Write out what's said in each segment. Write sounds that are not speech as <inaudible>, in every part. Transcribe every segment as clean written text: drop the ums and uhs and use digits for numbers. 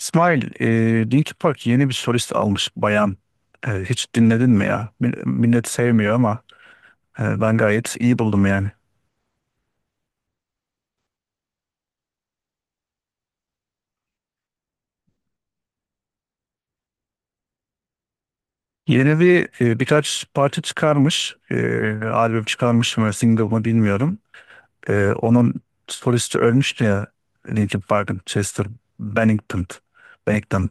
İsmail, Linkin Park yeni bir solist almış bayan. Hiç dinledin mi ya? Millet sevmiyor ama ben gayet iyi buldum yani. Yeni bir birkaç parça çıkarmış, albüm çıkarmış mı, single mı bilmiyorum. Onun solisti ölmüştü ya, Linkin Park'ın Chester Bennington. Bennington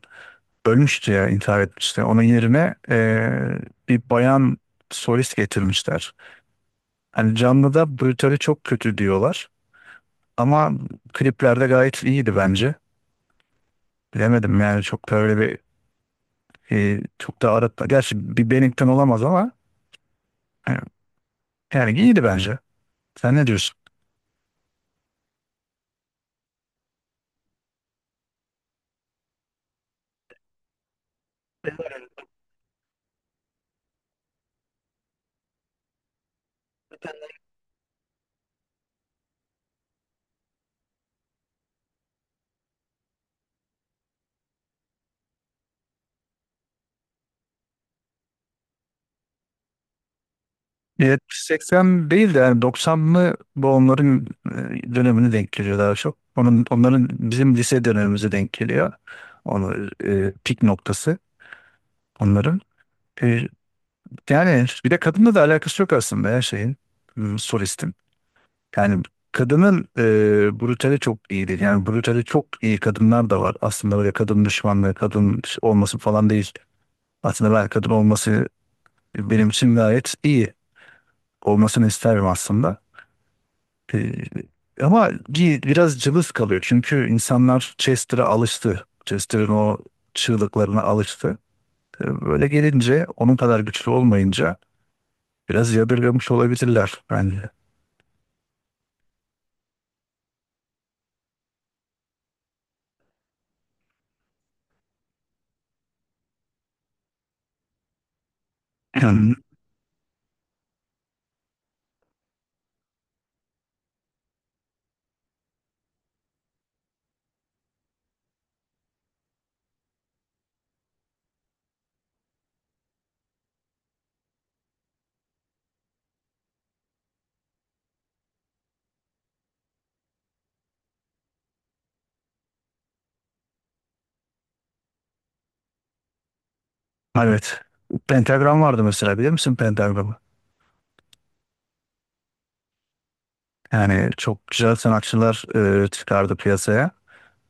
ölmüştü ya, intihar etmişti. Onun yerine bir bayan solist getirmişler. Hani canlıda bu çok kötü diyorlar. Ama kliplerde gayet iyiydi bence. Bilemedim yani çok böyle bir çok da aratma. Gerçi bir Bennington olamaz ama e, yani iyiydi bence. Sen ne diyorsun? Evet, 80 değil de yani 90'lı bu onların dönemini denk geliyor daha çok. Onların bizim lise dönemimize denk geliyor. Onu pik noktası onların. E, Yani bir de kadınla da alakası yok aslında her şeyin. Hmm, solistin. Yani kadının brutali çok iyi. Yani brutali çok iyi kadınlar da var. Aslında böyle kadın düşmanlığı, kadın olması falan değil. Aslında ben kadın olması benim için gayet iyi. Olmasını isterim aslında. E, ama biraz cılız kalıyor. Çünkü insanlar Chester'a alıştı. Chester'ın o çığlıklarına alıştı. Böyle gelince onun kadar güçlü olmayınca biraz yadırgamış olabilirler bence. <laughs> <clears throat> Evet. Pentagram vardı mesela, bilir misin Pentagram'ı? Yani çok güzel sanatçılar çıkardı piyasaya.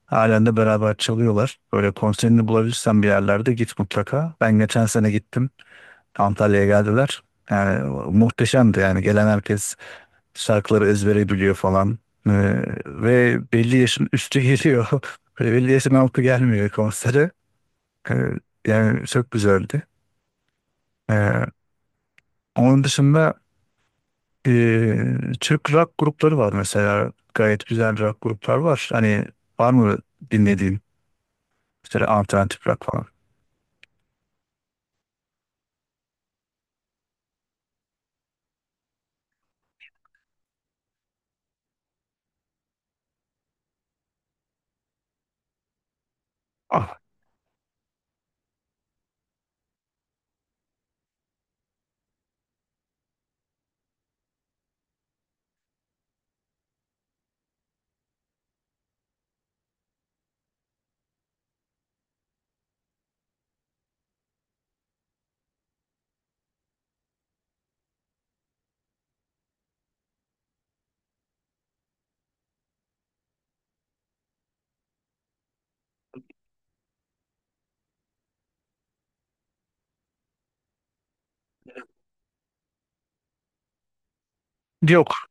Halen de beraber çalıyorlar. Böyle konserini bulabilirsen bir yerlerde git mutlaka. Ben geçen sene gittim. Antalya'ya geldiler. Yani muhteşemdi yani. Gelen herkes şarkıları ezbere biliyor falan. E, Ve belli yaşın üstü geliyor. <laughs> Böyle belli yaşın altı gelmiyor konsere. E, Yani çok güzeldi. E, Onun dışında Ee, Türk rock grupları var mesela. Gayet güzel rock gruplar var. Hani var mı dinlediğin mesela alternatif rock falan? Ah, yok.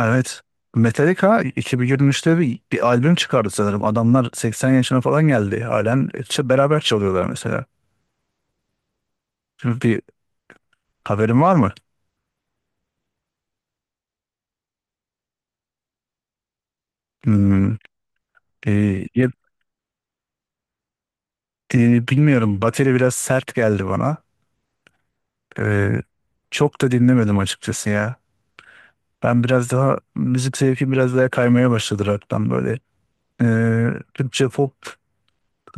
Evet. Metallica 2023'te bir albüm çıkardı sanırım. Adamlar 80 yaşına falan geldi. Halen işte beraber çalıyorlar mesela. Şimdi bir haberin var mı? Hmm, e, ya- bilmiyorum. Bateri biraz sert geldi bana. E, Çok da dinlemedim açıkçası ya. Ben biraz daha Müzik zevkim biraz daha kaymaya başladı rock'tan böyle. Türkçe pop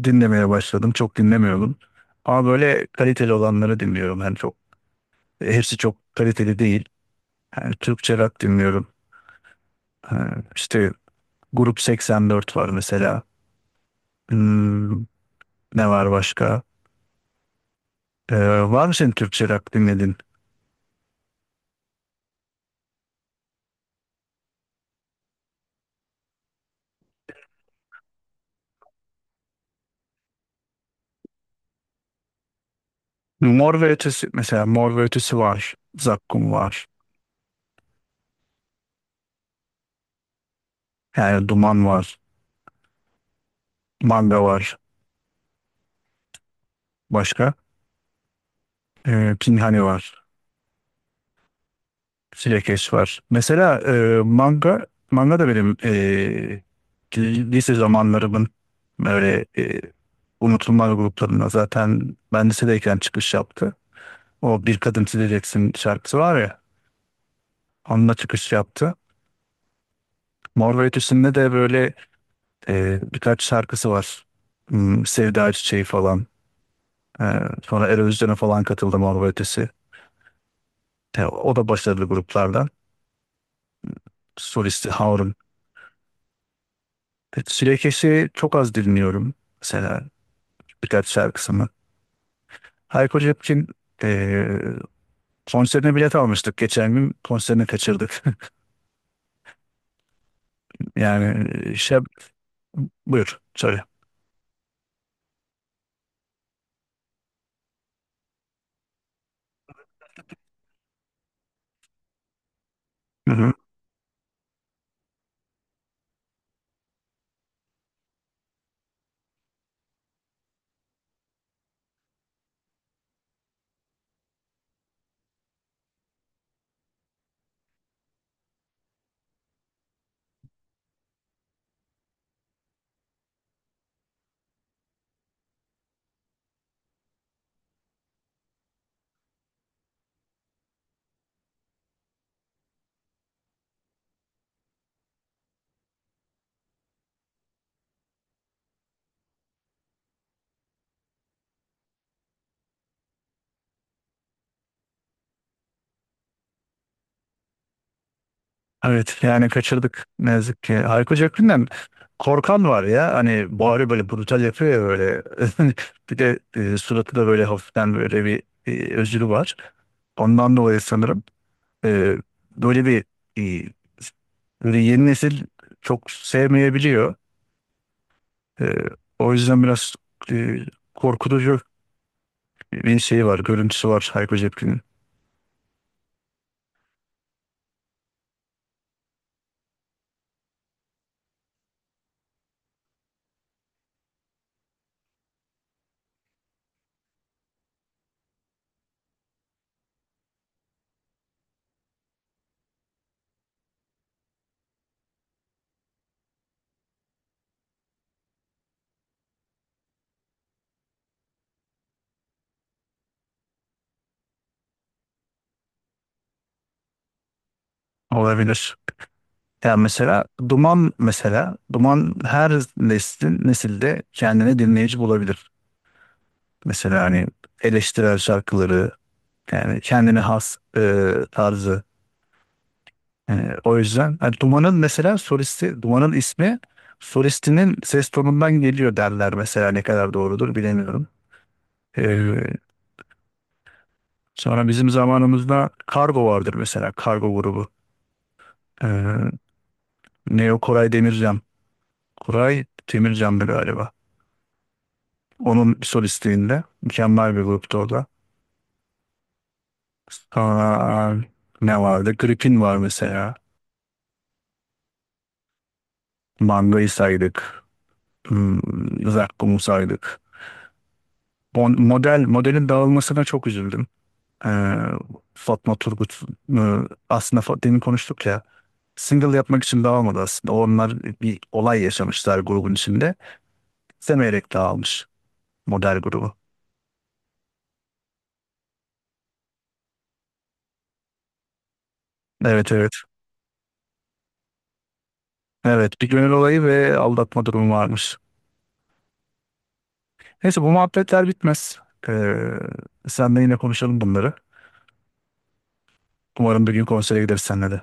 dinlemeye başladım. Çok dinlemiyordum. Ama böyle kaliteli olanları dinliyorum. Yani çok, hepsi çok kaliteli değil. Yani Türkçe rock dinliyorum. Ee, işte Grup 84 var mesela. Hmm, ne var başka? Var mı senin Türkçe rock dinledin? Mor ve Ötesi, mesela Mor ve Ötesi var. Zakkum var. Yani Duman var. Manga var. Başka? Pinhani var. Sürekli var. Mesela manga da benim lise zamanlarımın böyle unutulmaz gruplarına zaten ben lisedeyken çıkış yaptı. O Bir Kadın Sileceksin şarkısı var ya, onunla çıkış yaptı. Mor ve Ötesi'nde de böyle birkaç şarkısı var. Hmm, Sevda Çiçeği falan. E, Sonra Eurovision'a falan katıldı Mor ve Ötesi. O da başarılı gruplardan. Solisti Harun. Sürekli çok az dinliyorum. Mesela birkaç şarkısını. Hayko Cepkin eee konserine bilet almıştık. Geçen gün konserini kaçırdık. <laughs> Yani şey, buyur söyle. Hı hı. Evet yani kaçırdık ne yazık ki. Hayko Cepkin'den korkan var ya, hani bağırıyor böyle, brutal yapıyor ya böyle. <laughs> Bir de suratı da böyle hafiften böyle bir özürü var. Ondan dolayı sanırım e, böyle bir e, böyle yeni nesil çok sevmeyebiliyor. Ee, O yüzden biraz e, korkutucu bir şey var, görüntüsü var Hayko Cepkin'in. Olabilir. Ya mesela Duman, mesela Duman her nesilde kendine dinleyici bulabilir. Mesela hani eleştirel şarkıları, yani kendine has tarzı. Yani o yüzden hani Duman'ın mesela solisti, Duman'ın ismi solistinin ses tonundan geliyor derler mesela, ne kadar doğrudur bilemiyorum. Ee, Sonra bizim zamanımızda Kargo vardır, mesela Kargo grubu. Ee, Neo Koray Demircan. Koray Demircan'dı galiba. Onun solistliğinde mükemmel bir gruptu o da. Aa, ne vardı? Gripin var mesela. Manga'yı saydık. Hmm, Zakkum'u saydık. Model, modelin dağılmasına çok üzüldüm. Ee, Fatma Turgut e, demin konuştuk ya, single yapmak için dağılmadı aslında. Onlar bir olay yaşamışlar grubun içinde. İstemeyerek dağılmış model grubu. Evet, evet. Evet, bir gönül olayı ve aldatma durumu varmış. Neyse bu muhabbetler bitmez. Ee, Senle yine konuşalım bunları. Umarım bir gün konsere gideriz seninle de.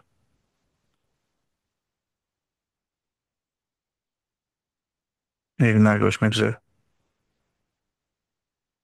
İyi günler, görüşmek üzere.